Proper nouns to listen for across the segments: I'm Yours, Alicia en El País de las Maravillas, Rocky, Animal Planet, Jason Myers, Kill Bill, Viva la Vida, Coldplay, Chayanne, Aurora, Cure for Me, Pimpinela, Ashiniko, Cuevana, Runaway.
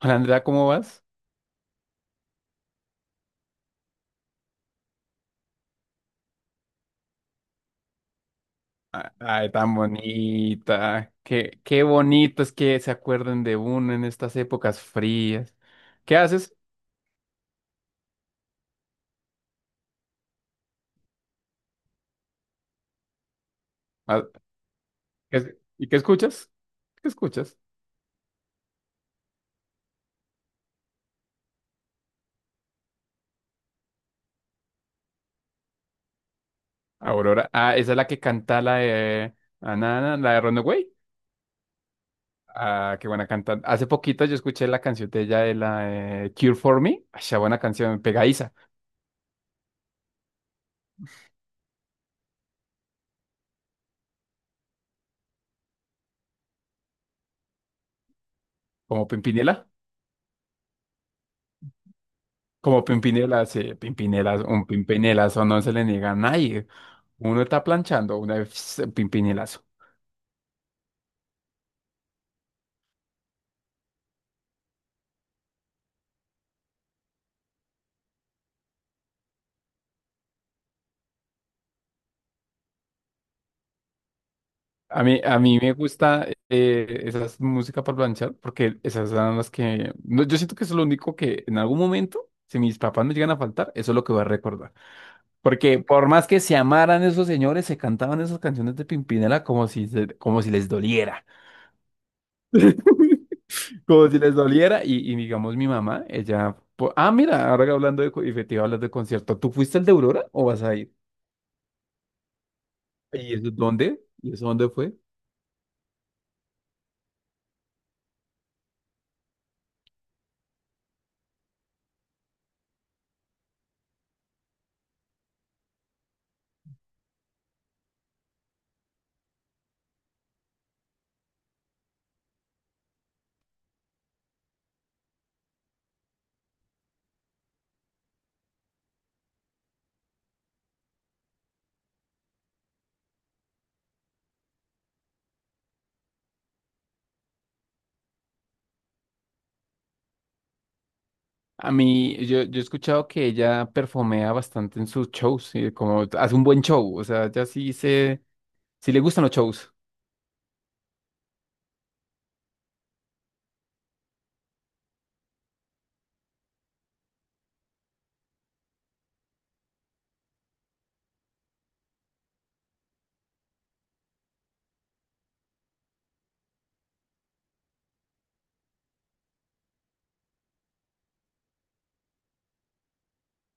Hola Andrea, ¿cómo vas? Ah, ay, tan bonita. Qué bonito es que se acuerden de uno en estas épocas frías. ¿Qué haces? Ah, ¿Y qué escuchas? ¿Qué escuchas? Aurora. Ah, esa es la que canta la de Anana, la de Runaway. Ah, qué buena canta. Hace poquito yo escuché la canción de ella de la de Cure for Me. Ay, esa buena canción, pegadiza. Como Pimpinela. Como Pimpinela, sí, Pimpinela, un Pimpinela, eso no se le niega a nadie. Uno está planchando, una vez pimpinelazo. A mí me gusta, esas músicas para planchar, porque esas son las que, no, yo siento que eso es lo único que en algún momento, si mis papás me llegan a faltar, eso es lo que voy a recordar. Porque por más que se amaran esos señores, se cantaban esas canciones de Pimpinela como si, como si les doliera. Como si les doliera. Y, digamos, mi mamá, ella. Ah, mira, ahora hablando de. Y te iba a hablar de concierto. ¿Tú fuiste el de Aurora o vas a ir? ¿Y eso dónde? ¿Y eso dónde fue? Yo he escuchado que ella perfumea bastante en sus shows, y como hace un buen show, o sea, ya sí se, sí le gustan los shows.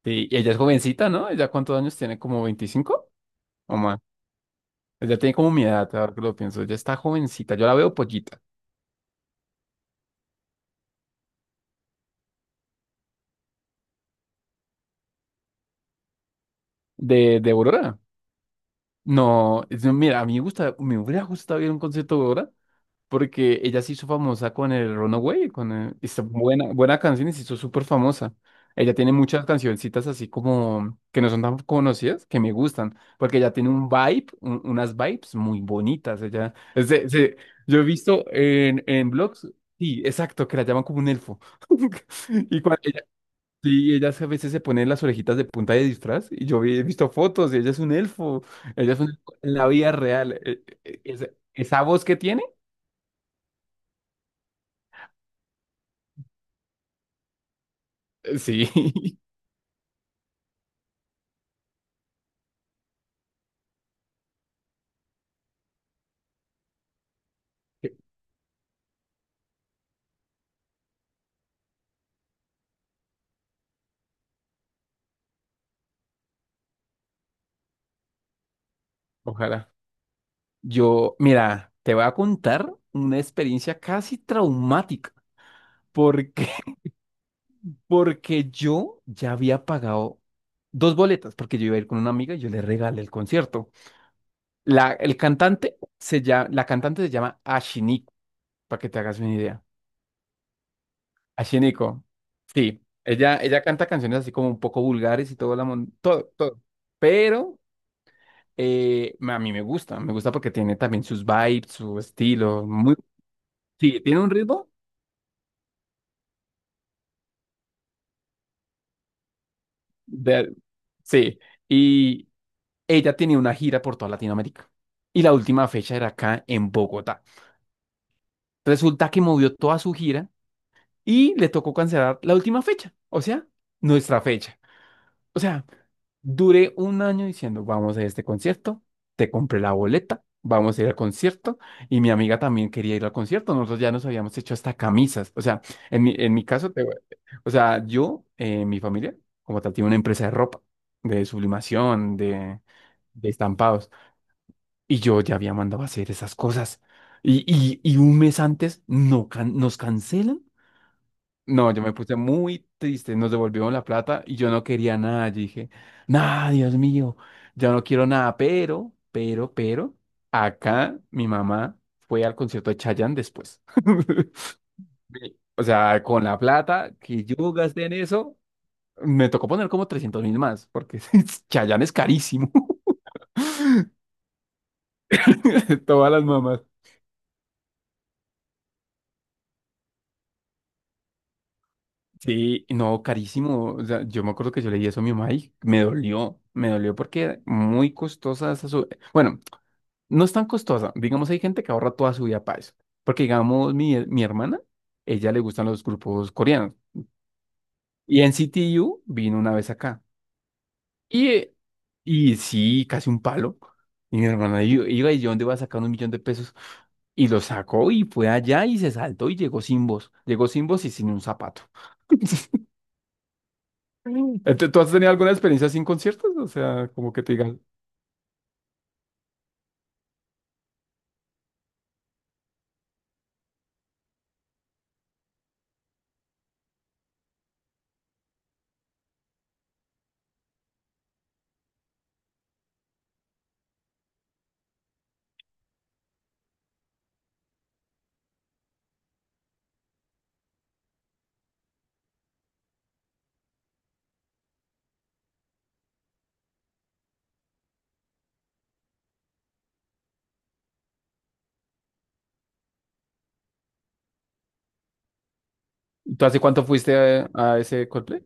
Sí, y ella es jovencita, ¿no? ¿Ella cuántos años tiene? ¿Como 25 o más? Ella tiene como mi edad, ahora que lo pienso, ella está jovencita, yo la veo pollita. ¿De Aurora? No, mira, a mí me gusta, me hubiera gustado ir a un concierto de Aurora, porque ella se hizo famosa con el Runaway, con esta buena, buena canción y se hizo súper famosa. Ella tiene muchas cancioncitas así como que no son tan conocidas, que me gustan, porque ella tiene un vibe, unas vibes muy bonitas. Ella, es de- se- Yo he visto en, blogs, sí, exacto, que la llaman como un elfo. Y cuando ella, sí, ella a veces se pone las orejitas de punta de disfraz, y yo he visto fotos, y ella es un elfo, ella es un elfo en la vida real. Esa voz que tiene. Sí, ojalá. Yo, mira, te voy a contar una experiencia casi traumática, porque porque yo ya había pagado dos boletas, porque yo iba a ir con una amiga y yo le regalé el concierto. La, el cantante se llama, la cantante se llama Ashiniko, para que te hagas una idea. Ashiniko, sí, ella canta canciones así como un poco vulgares y todo, la todo, todo. Pero a mí me gusta porque tiene también sus vibes, su estilo, muy. Sí, tiene un ritmo de. Sí, y ella tenía una gira por toda Latinoamérica. Y la última fecha era acá en Bogotá. Resulta que movió toda su gira y le tocó cancelar la última fecha, o sea, nuestra fecha. O sea, duré un año diciendo, vamos a este concierto, te compré la boleta, vamos a ir al concierto, y mi amiga también quería ir al concierto, nosotros ya nos habíamos hecho hasta camisas, o sea, en mi caso, te. O sea, yo, mi familia, como tal, tiene una empresa de ropa, de sublimación, de estampados, y yo ya había mandado a hacer esas cosas, y un mes antes no nos cancelan. No, yo me puse muy triste, nos devolvieron la plata y yo no quería nada. Yo dije, nada, Dios mío, yo no quiero nada, pero, acá mi mamá fue al concierto de Chayanne después. Sí. O sea, con la plata que yo gasté en eso, me tocó poner como 300.000 más, porque Chayanne es carísimo. Todas las mamás. Sí, no, carísimo. O sea, yo me acuerdo que yo leí eso a mi mamá y me dolió porque muy costosa esa Bueno, no es tan costosa. Digamos, hay gente que ahorra toda su vida para eso. Porque, digamos, mi hermana, ella le gustan los grupos coreanos. Y en CTU vino una vez acá. Y, eh, y sí, casi un palo. Y mi hermana iba y yo, ¿dónde va a sacar 1 millón de pesos? Y lo sacó y fue allá y se saltó y llegó sin voz. Llegó sin voz y sin un zapato. ¿Tú has tenido alguna experiencia sin conciertos? O sea, como que te digan, ¿tú hace cuánto fuiste a ese Coldplay?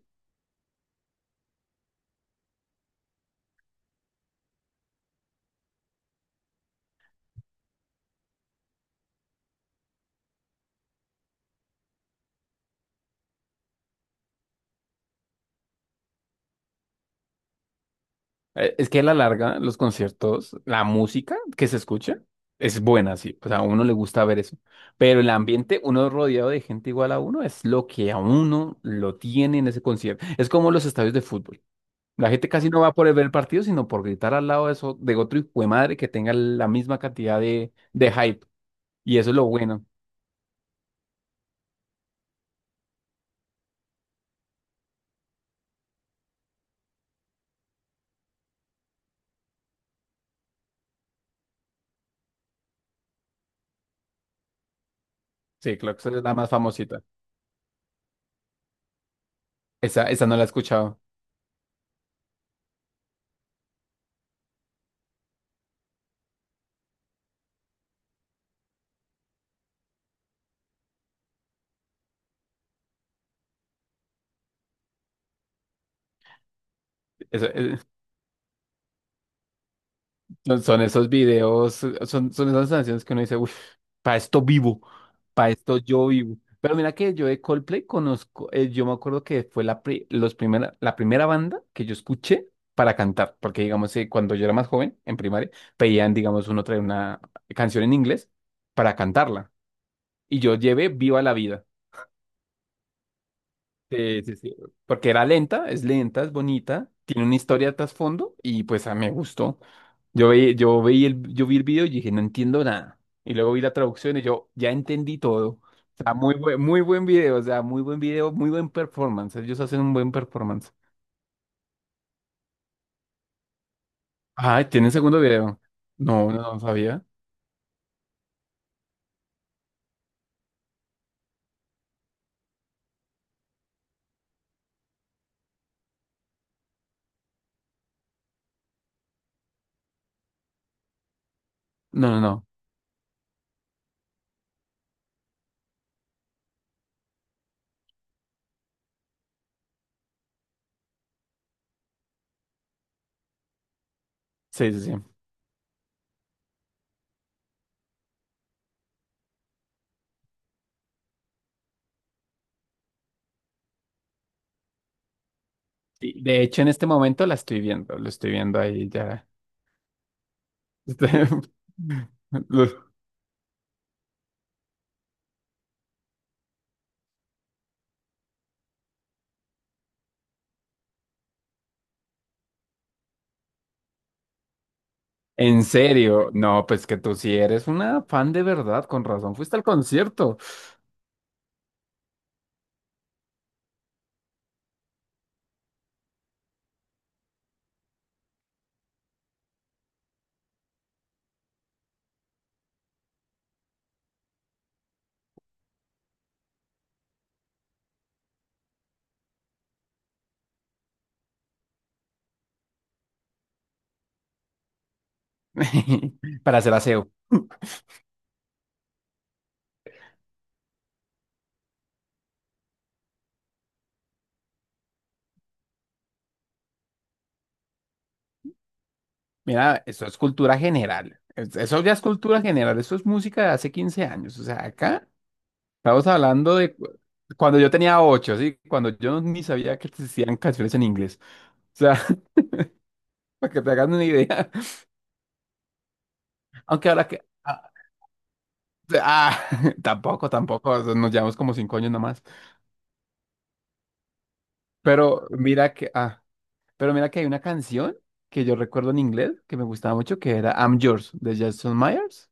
Es que a la larga, los conciertos, la música que se escucha es buena, sí. O sea, a uno le gusta ver eso. Pero el ambiente, uno rodeado de gente igual a uno, es lo que a uno lo tiene en ese concierto. Es como los estadios de fútbol. La gente casi no va por el ver el partido, sino por gritar al lado de, eso, de otro hijo de madre que tenga la misma cantidad de hype. Y eso es lo bueno. Sí, claro que esa es la más famosita. Esa no la he escuchado. No, son esos videos, son esas canciones que uno dice, uff, para esto vivo, para esto yo vivo. Pero mira que yo de Coldplay conozco, yo me acuerdo que fue la primera banda que yo escuché para cantar, porque digamos, cuando yo era más joven, en primaria, pedían, digamos, uno trae una canción en inglés para cantarla. Y yo llevé Viva la Vida. Sí, sí, sí. Porque era lenta, es bonita, tiene una historia de trasfondo y pues a mí me gustó. Yo vi el video y dije, no entiendo nada. Y luego vi la traducción y yo ya entendí todo. O sea, muy buen video, o sea, muy buen video, muy buen performance. Ellos hacen un buen performance. Ah, ¿tienen segundo video? No, no, no sabía. No, no, no. Sí, sí, sí. Y, de hecho, en este momento la estoy viendo, lo estoy viendo ahí ya. Lo- En serio, no, pues que tú sí eres una fan de verdad, con razón. Fuiste al concierto. Para hacer aseo. Mira, eso es cultura general. Eso ya es cultura general. Eso es música de hace 15 años. O sea, acá estamos hablando de cuando yo tenía 8, ¿sí? Cuando yo ni sabía que existían canciones en inglés. O sea, para que te hagas una idea. Aunque ahora que. Ah, tampoco, tampoco. O sea, nos llevamos como 5 años nomás. Pero mira que. Ah, pero mira que hay una canción que yo recuerdo en inglés que me gustaba mucho, que era I'm Yours, de Jason Myers.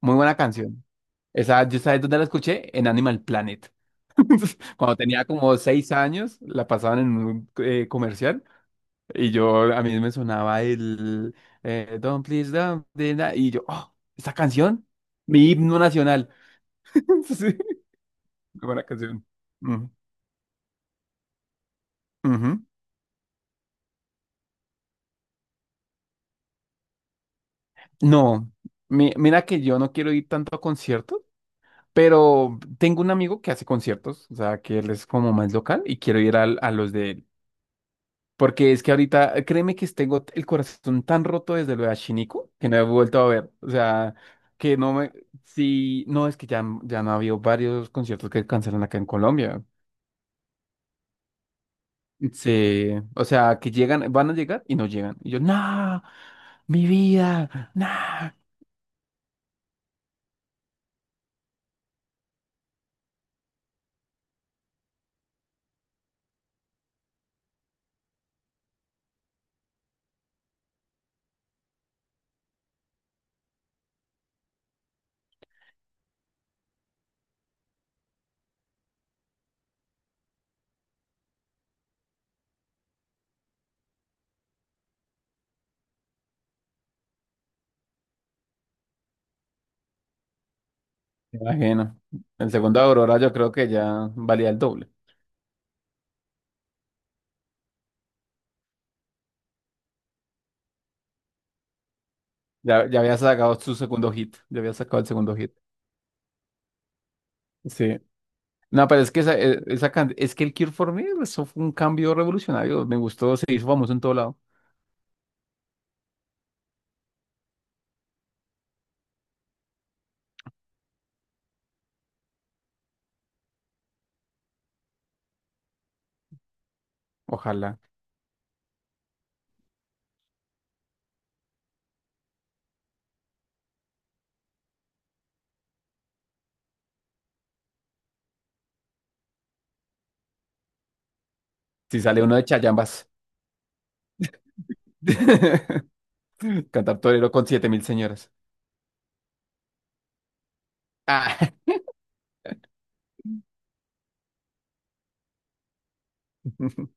Muy buena canción. Esa, ¿yo sabes dónde la escuché? En Animal Planet. Cuando tenía como 6 años, la pasaban en un comercial y yo a mí me sonaba el Don't Please Don't y yo, oh, esta canción, mi himno nacional. Sí, qué buena canción. Ujú, ujú. No, mira que yo no quiero ir tanto a conciertos, pero tengo un amigo que hace conciertos, o sea, que él es como más local y quiero ir a los de él. Porque es que ahorita, créeme que tengo el corazón tan roto desde lo de Shiniko que no he vuelto a ver. O sea, que no me. Sí, no, es que ya, ya han habido varios conciertos que cancelan acá en Colombia. Sí, o sea, que llegan, van a llegar y no llegan. Y yo, no, mi vida, no. Me imagino. El segundo Aurora, yo creo que ya valía el doble. Ya, ya había sacado su segundo hit. Ya había sacado el segundo hit. Sí. No, pero es que esa, es que el Cure for Me, pues, eso fue un cambio revolucionario. Me gustó, se hizo famoso en todo lado. Ojalá. Si sale uno de Chayambas. Cantar torero con 7.000 señoras. Ah,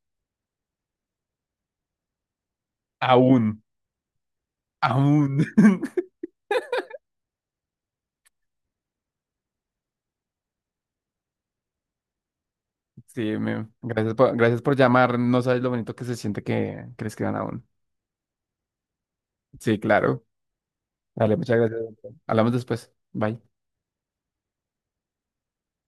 aún, aún. Sí, gracias por llamar. No sabes lo bonito que se siente que crees que van aún. Sí, claro. Dale, muchas gracias. Hablamos después. Bye.